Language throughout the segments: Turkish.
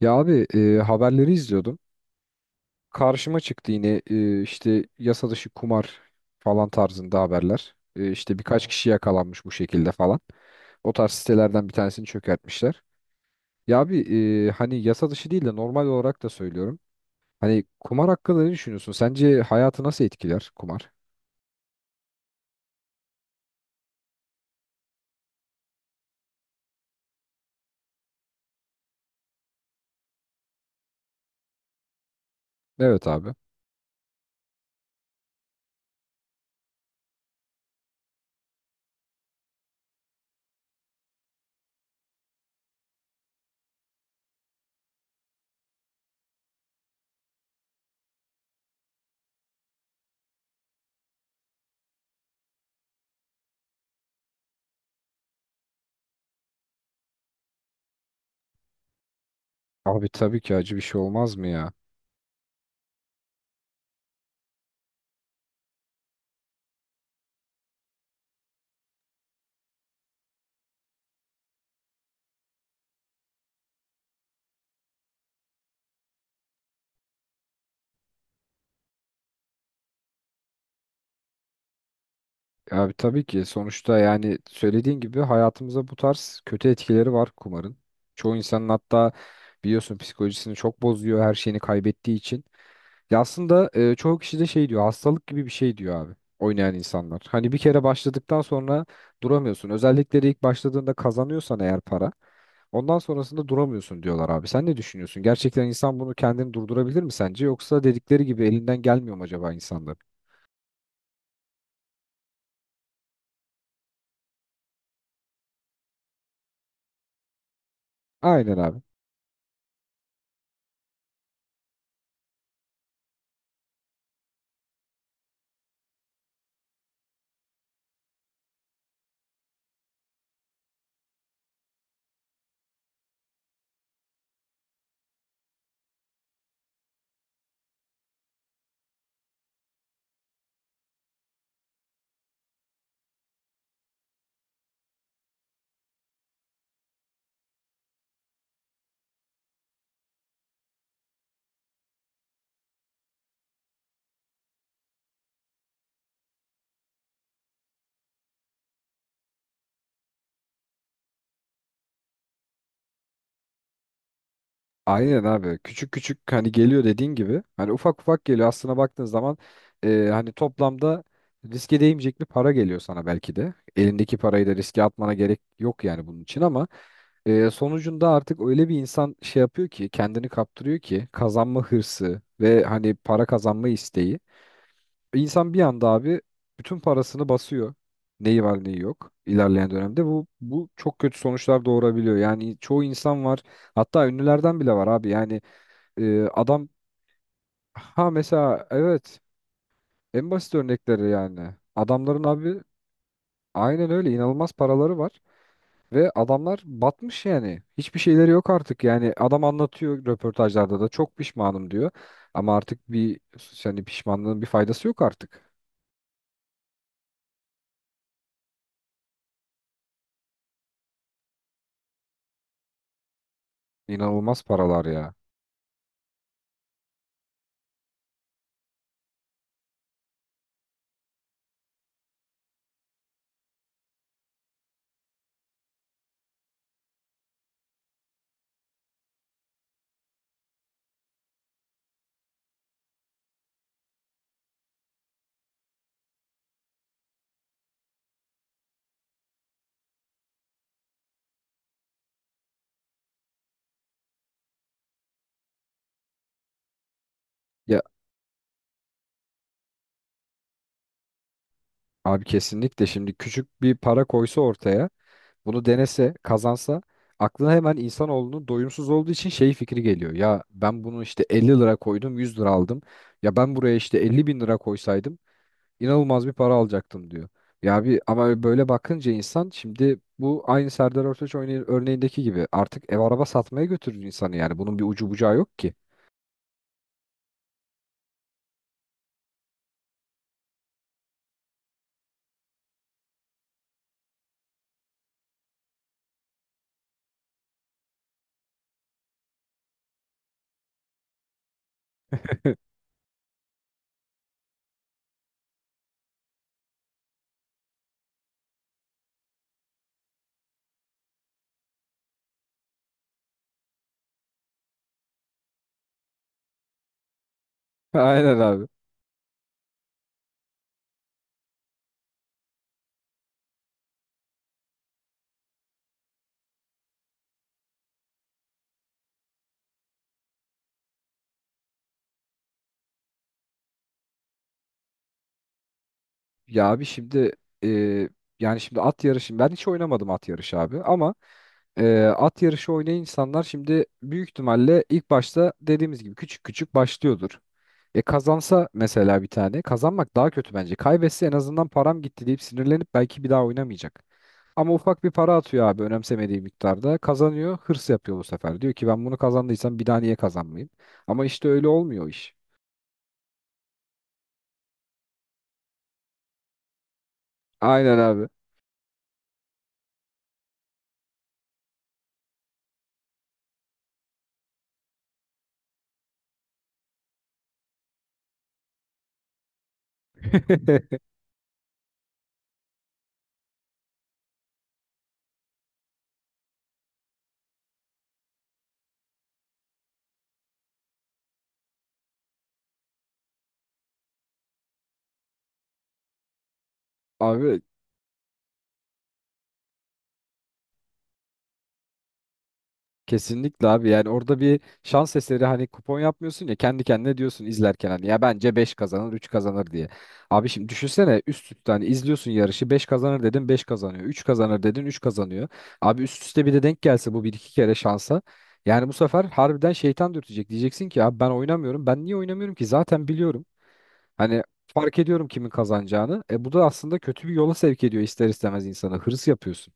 Ya abi, haberleri izliyordum. Karşıma çıktı yine, işte yasa dışı kumar falan tarzında haberler. E, işte birkaç kişi yakalanmış bu şekilde falan. O tarz sitelerden bir tanesini çökertmişler. Ya abi, hani yasa dışı değil de normal olarak da söylüyorum. Hani kumar hakkında ne düşünüyorsun? Sence hayatı nasıl etkiler kumar? Evet abi. Abi tabii ki acı bir şey olmaz mı ya? Abi tabii ki sonuçta yani söylediğin gibi hayatımıza bu tarz kötü etkileri var kumarın. Çoğu insanın hatta biliyorsun psikolojisini çok bozuyor her şeyini kaybettiği için. Ya aslında çoğu kişi de şey diyor, hastalık gibi bir şey diyor abi oynayan insanlar. Hani bir kere başladıktan sonra duramıyorsun. Özellikle de ilk başladığında kazanıyorsan eğer para, ondan sonrasında duramıyorsun diyorlar abi. Sen ne düşünüyorsun? Gerçekten insan bunu kendini durdurabilir mi sence? Yoksa dedikleri gibi elinden gelmiyor mu acaba insanların? Aynen abi. Aynen abi. Küçük küçük hani geliyor dediğin gibi. Hani ufak ufak geliyor. Aslına baktığın zaman hani toplamda riske değmeyecek bir para geliyor sana belki de. Elindeki parayı da riske atmana gerek yok yani bunun için ama sonucunda artık öyle bir insan şey yapıyor ki, kendini kaptırıyor ki kazanma hırsı ve hani para kazanma isteği. İnsan bir anda abi bütün parasını basıyor. Neyi var neyi yok ilerleyen dönemde bu çok kötü sonuçlar doğurabiliyor. Yani çoğu insan var, hatta ünlülerden bile var abi yani, adam, ha mesela evet, en basit örnekleri yani. Adamların abi aynen öyle inanılmaz paraları var ve adamlar batmış yani. Hiçbir şeyleri yok artık. Yani adam anlatıyor röportajlarda da, çok pişmanım diyor. Ama artık bir, yani pişmanlığın bir faydası yok artık. İnanılmaz paralar ya. Ya abi kesinlikle, şimdi küçük bir para koysa ortaya, bunu denese, kazansa aklına hemen, insanoğlunun doyumsuz olduğu için, şey fikri geliyor. Ya ben bunu işte 50 lira koydum, 100 lira aldım. Ya ben buraya işte 50 bin lira koysaydım inanılmaz bir para alacaktım diyor. Ya bir ama böyle bakınca insan, şimdi bu aynı Serdar Ortaç örneğindeki gibi artık ev araba satmaya götürür insanı yani. Bunun bir ucu bucağı yok ki. Aynen abi. Ya abi şimdi e, yani şimdi at yarışı, ben hiç oynamadım at yarışı abi ama at yarışı oynayan insanlar şimdi büyük ihtimalle ilk başta dediğimiz gibi küçük küçük başlıyordur. E kazansa mesela, bir tane kazanmak daha kötü bence. Kaybetse en azından param gitti deyip sinirlenip belki bir daha oynamayacak. Ama ufak bir para atıyor abi önemsemediği miktarda. Kazanıyor, hırs yapıyor bu sefer. Diyor ki ben bunu kazandıysam bir daha niye kazanmayayım? Ama işte öyle olmuyor o iş. Aynen abi. Abi kesinlikle abi, yani orada bir şans eseri hani kupon yapmıyorsun ya, kendi kendine diyorsun izlerken hani, ya bence 5 kazanır, 3 kazanır diye. Abi şimdi düşünsene üst üste hani izliyorsun yarışı, 5 kazanır dedin 5 kazanıyor, 3 kazanır dedin 3 kazanıyor. Abi üst üste bir de denk gelse bu bir iki kere şansa, yani bu sefer harbiden şeytan dürtecek, diyeceksin ki abi ben oynamıyorum, ben niye oynamıyorum ki zaten biliyorum hani, fark ediyorum kimin kazanacağını. E bu da aslında kötü bir yola sevk ediyor ister istemez insana, hırs yapıyorsun.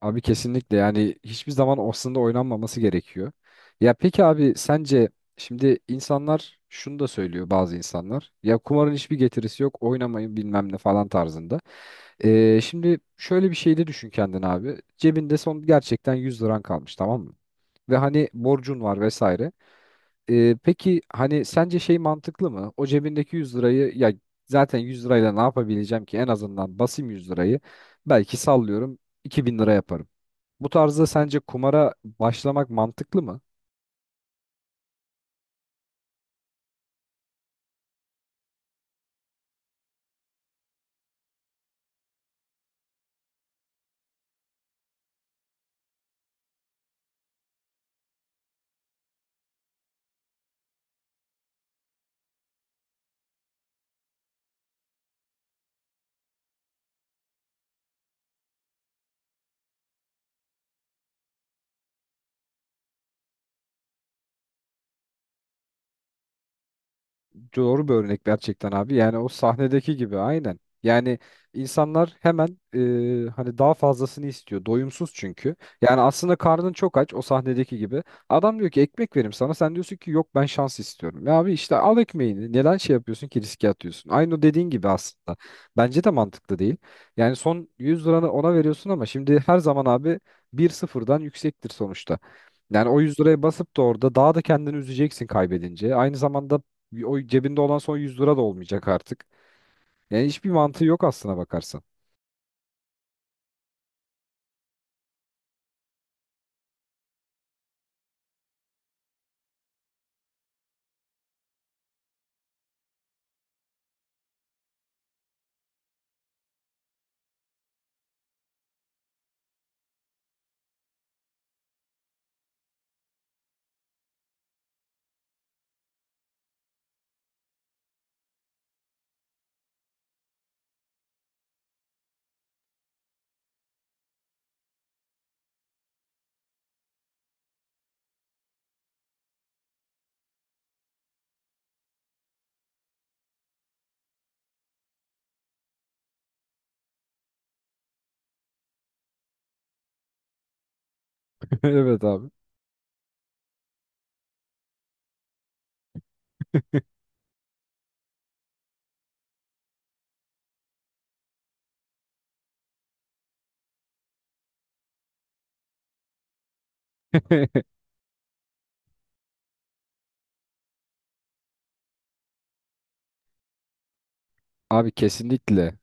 Abi kesinlikle, yani hiçbir zaman aslında oynanmaması gerekiyor. Ya peki abi, sence şimdi insanlar şunu da söylüyor bazı insanlar. Ya kumarın hiçbir getirisi yok, oynamayın bilmem ne falan tarzında. Şimdi şöyle bir şey de düşün kendin abi. Cebinde son gerçekten 100 liran kalmış, tamam mı? Ve hani borcun var vesaire. Peki hani sence şey mantıklı mı? O cebindeki 100 lirayı, ya zaten 100 lirayla ne yapabileceğim ki? En azından basayım 100 lirayı. Belki sallıyorum 2.000 lira yaparım. Bu tarzda sence kumara başlamak mantıklı mı? Doğru bir örnek gerçekten abi. Yani o sahnedeki gibi aynen. Yani insanlar hemen hani daha fazlasını istiyor. Doyumsuz çünkü. Yani aslında karnın çok aç o sahnedeki gibi. Adam diyor ki ekmek verim sana. Sen diyorsun ki yok, ben şans istiyorum. Ya abi işte al ekmeğini. Neden şey yapıyorsun ki, riske atıyorsun? Aynı o dediğin gibi aslında. Bence de mantıklı değil. Yani son 100 liranı ona veriyorsun ama şimdi her zaman abi bir sıfırdan yüksektir sonuçta. Yani o 100 liraya basıp da orada daha da kendini üzeceksin kaybedince. Aynı zamanda o cebinde olan son 100 lira da olmayacak artık. Yani hiçbir mantığı yok aslına bakarsan. Evet abi. Abi kesinlikle.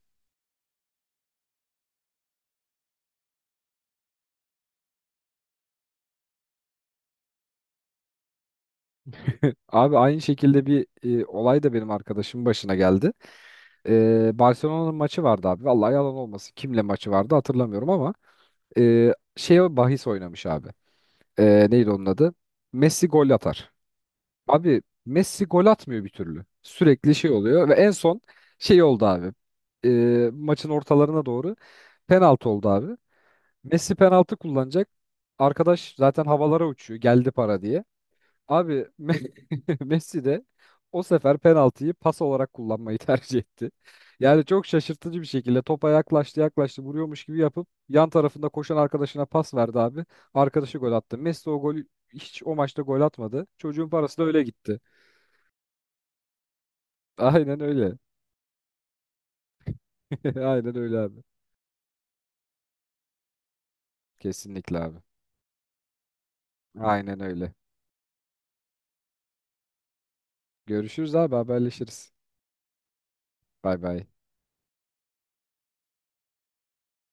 Abi aynı şekilde bir olay da benim arkadaşımın başına geldi. Barcelona'nın maçı vardı abi. Vallahi yalan olmasın. Kimle maçı vardı hatırlamıyorum ama şey bahis oynamış abi. Neydi onun adı? Messi gol atar. Abi Messi gol atmıyor bir türlü. Sürekli şey oluyor ve en son şey oldu abi. E, maçın ortalarına doğru penaltı oldu abi. Messi penaltı kullanacak. Arkadaş zaten havalara uçuyor. Geldi para diye. Abi Messi de o sefer penaltıyı pas olarak kullanmayı tercih etti. Yani çok şaşırtıcı bir şekilde topa yaklaştı yaklaştı, vuruyormuş gibi yapıp yan tarafında koşan arkadaşına pas verdi abi. Arkadaşı gol attı. Messi o golü hiç o maçta gol atmadı. Çocuğun parası da öyle gitti. Aynen öyle. Aynen öyle abi. Kesinlikle abi. Aynen öyle. Görüşürüz abi, haberleşiriz. Bay bay.